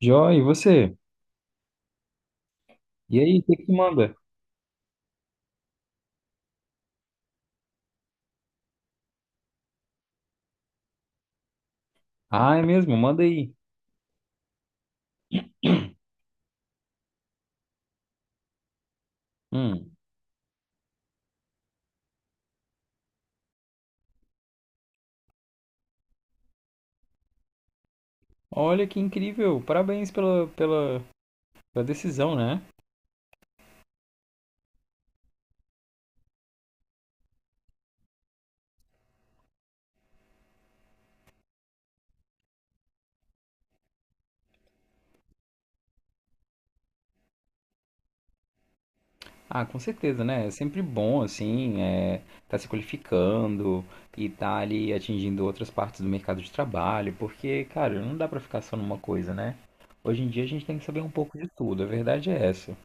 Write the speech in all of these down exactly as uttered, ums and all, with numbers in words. Jó, e você? E aí, o que que manda? Ah, é mesmo, manda aí. Hum. Olha que incrível, parabéns pela, pela, pela decisão, né? Ah, com certeza, né? É sempre bom, assim, é, tá se qualificando e tá ali atingindo outras partes do mercado de trabalho, porque, cara, não dá pra ficar só numa coisa, né? Hoje em dia a gente tem que saber um pouco de tudo, a verdade é essa.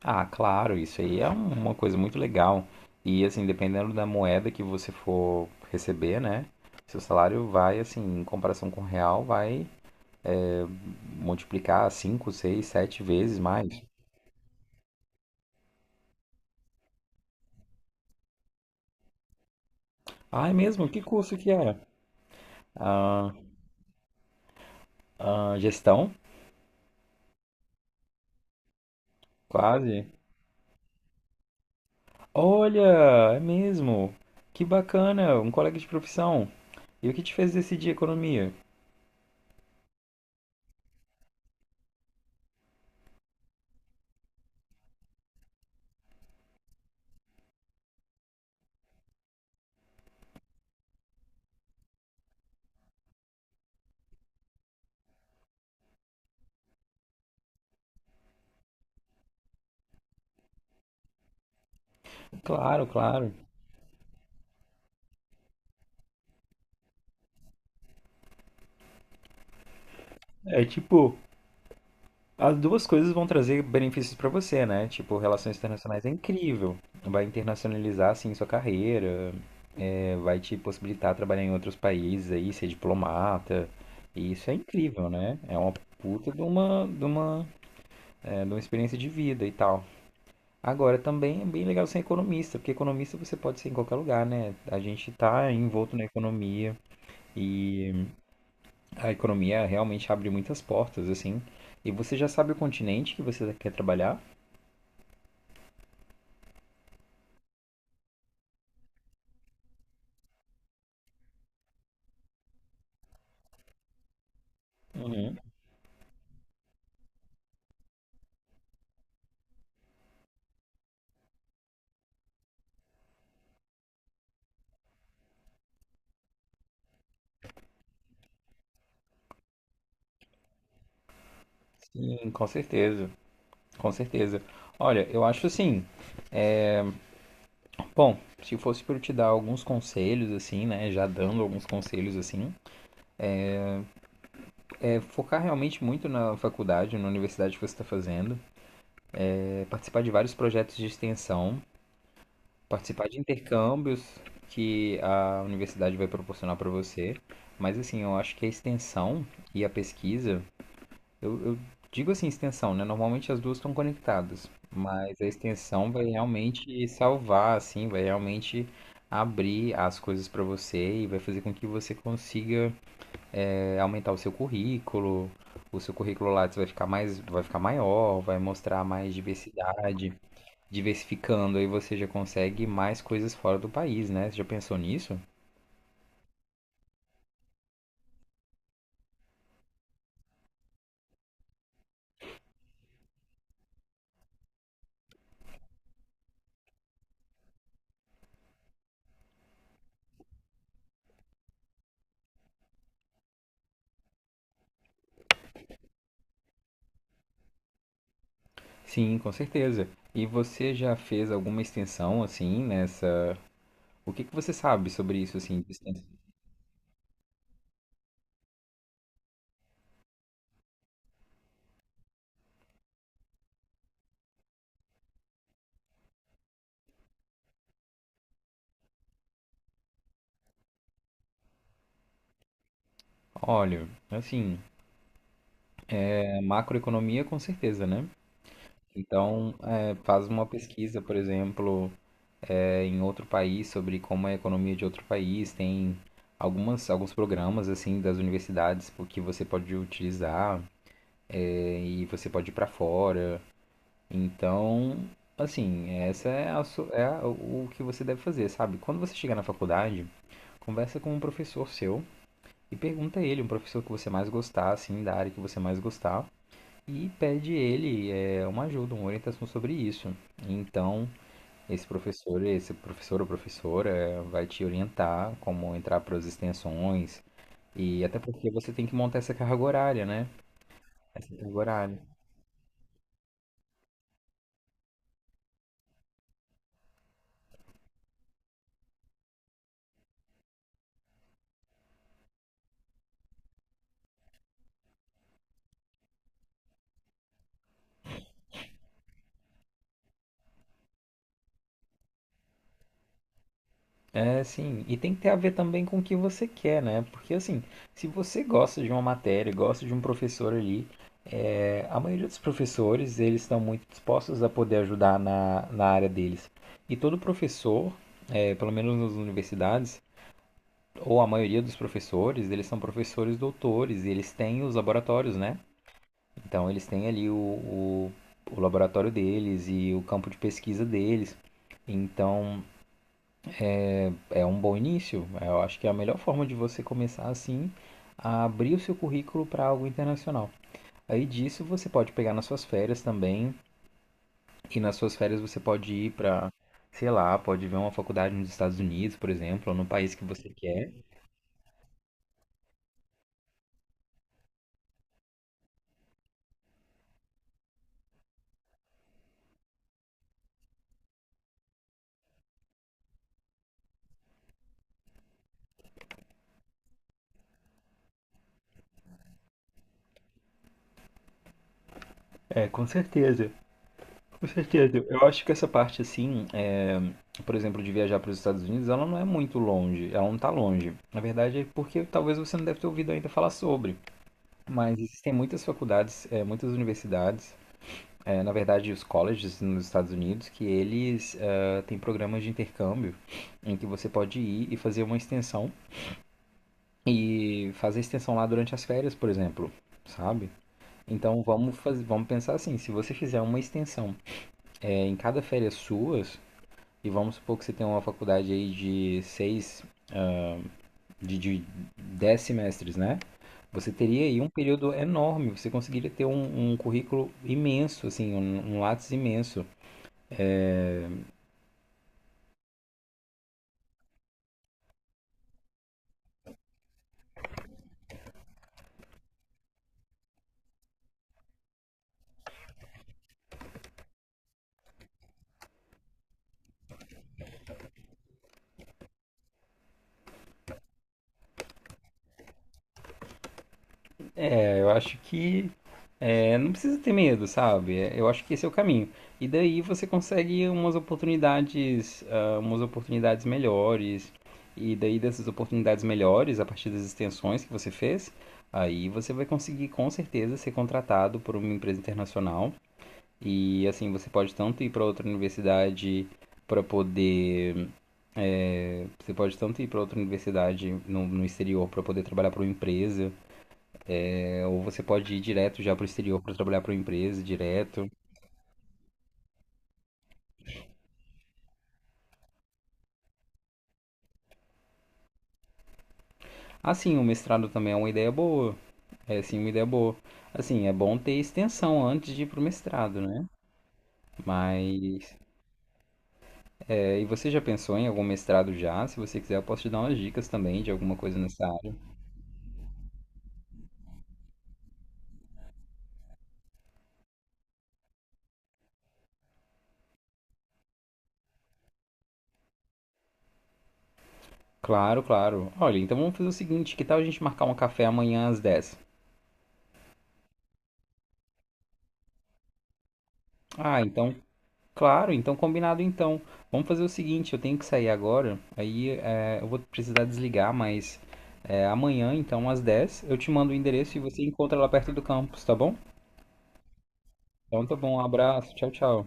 Ah, claro, isso aí é um- uma coisa muito legal. E assim, dependendo da moeda que você for receber, né? Seu salário vai, assim, em comparação com o real, vai multiplicar cinco, seis, sete vezes mais. Ah, é mesmo? Que curso que é? Ah, ah, gestão? Quase. Olha, é mesmo. Que bacana, um colega de profissão. E o que te fez decidir economia? Claro, claro. É tipo, as duas coisas vão trazer benefícios pra você, né? Tipo, relações internacionais é incrível. Vai internacionalizar, assim, sua carreira, é, vai te possibilitar trabalhar em outros países aí, ser diplomata. E isso é incrível, né? É uma puta de uma, de uma, é, de uma experiência de vida e tal. Agora, também é bem legal ser economista, porque economista você pode ser em qualquer lugar, né? A gente tá envolto na economia e a economia realmente abre muitas portas, assim. E você já sabe o continente que você quer trabalhar. Uhum. Sim, com certeza, com certeza. Olha, eu acho assim, bom, se fosse para eu te dar alguns conselhos assim, né, já dando alguns conselhos assim, é focar realmente muito na faculdade, na universidade que você está fazendo, é participar de vários projetos de extensão, participar de intercâmbios que a universidade vai proporcionar para você. Mas assim, eu acho que a extensão e a pesquisa Eu, eu digo assim, extensão, né? Normalmente as duas estão conectadas, mas a extensão vai realmente salvar, assim, vai realmente abrir as coisas para você e vai fazer com que você consiga é, aumentar o seu currículo, o seu currículo Lattes vai ficar mais, vai ficar maior, vai mostrar mais diversidade, diversificando, aí você já consegue mais coisas fora do país, né? Você já pensou nisso? Sim, com certeza. E você já fez alguma extensão assim nessa? O que que você sabe sobre isso assim, de extensão? Olha, assim, é, macroeconomia com certeza, né? Então, é, faz uma pesquisa, por exemplo, é, em outro país sobre como é a economia de outro país. Tem algumas, alguns programas assim das universidades po- que você pode utilizar é, e você pode ir para fora. Então, assim, essa é, a, su- é a- o que você deve fazer, sabe? Quando você chegar na faculdade, conversa com um professor seu e pergunta a ele, um professor que você mais gostar, assim, da área que você mais gostar e pede ele é, uma ajuda, uma orientação sobre isso. Então, esse professor, esse professor ou professora é, vai te orientar como entrar para as extensões e até porque você tem que montar essa carga horária, né? Essa carga horária. É, sim, e tem que ter a ver também com o que você quer, né? Porque assim, se você gosta de uma matéria, gosta de um professor ali, é, a maioria dos professores, eles estão muito dispostos a poder ajudar na, na área deles. E todo professor, é, pelo menos nas universidades, ou a maioria dos professores, eles são professores doutores e eles têm os laboratórios, né? Então eles têm ali o, o, o laboratório deles e o campo de pesquisa deles. Então é um bom início. Eu acho que é a melhor forma de você começar assim a abrir o seu currículo para algo internacional. Aí disso você pode pegar nas suas férias também, e nas suas férias você pode ir para, sei lá, pode ver uma faculdade nos Estados Unidos, por exemplo, ou no país que você quer. É, com certeza. Com certeza. Eu acho que essa parte, assim, é, por exemplo, de viajar para os Estados Unidos, ela não é muito longe. Ela não está longe. Na verdade, é porque talvez você não deve ter ouvido ainda falar sobre. Mas existem muitas faculdades, é, muitas universidades, é, na verdade, os colleges nos Estados Unidos, que eles é, têm programas de intercâmbio em que você pode ir e fazer uma extensão e fazer a extensão lá durante as férias, por exemplo, sabe? Então vamos fazer, vamos pensar assim, se você fizer uma extensão é, em cada férias suas, e vamos supor que você tem uma faculdade aí de seis, de, de dez semestres, né? Você teria aí um período enorme, você conseguiria ter um, um currículo imenso, assim, um, um lápis imenso. É, eu acho que é, não precisa ter medo, sabe? É, eu acho que esse é o caminho. E daí você consegue umas oportunidades, ah, umas oportunidades melhores. E daí dessas oportunidades melhores, a partir das extensões que você fez, aí você vai conseguir com certeza ser contratado por uma empresa internacional. E assim, você pode tanto ir para outra universidade para poder. É, você pode tanto ir para outra universidade no, no exterior para poder trabalhar para uma empresa, é, ou você pode ir direto já para o exterior para trabalhar para uma empresa direto. Assim, o mestrado também é uma ideia boa. É sim uma ideia boa. Assim, é bom ter extensão antes de ir pro mestrado, né? Mas é, e você já pensou em algum mestrado já? Se você quiser, eu posso te dar umas dicas também de alguma coisa nessa área. Claro, claro. Olha, então vamos fazer o seguinte, que tal a gente marcar um café amanhã às dez? Ah, então, claro, então combinado então. Vamos fazer o seguinte, eu tenho que sair agora, aí é, eu vou precisar desligar, mas é, amanhã então às dez eu te mando o endereço e você encontra lá perto do campus, tá bom? Então tá bom, um abraço, tchau, tchau.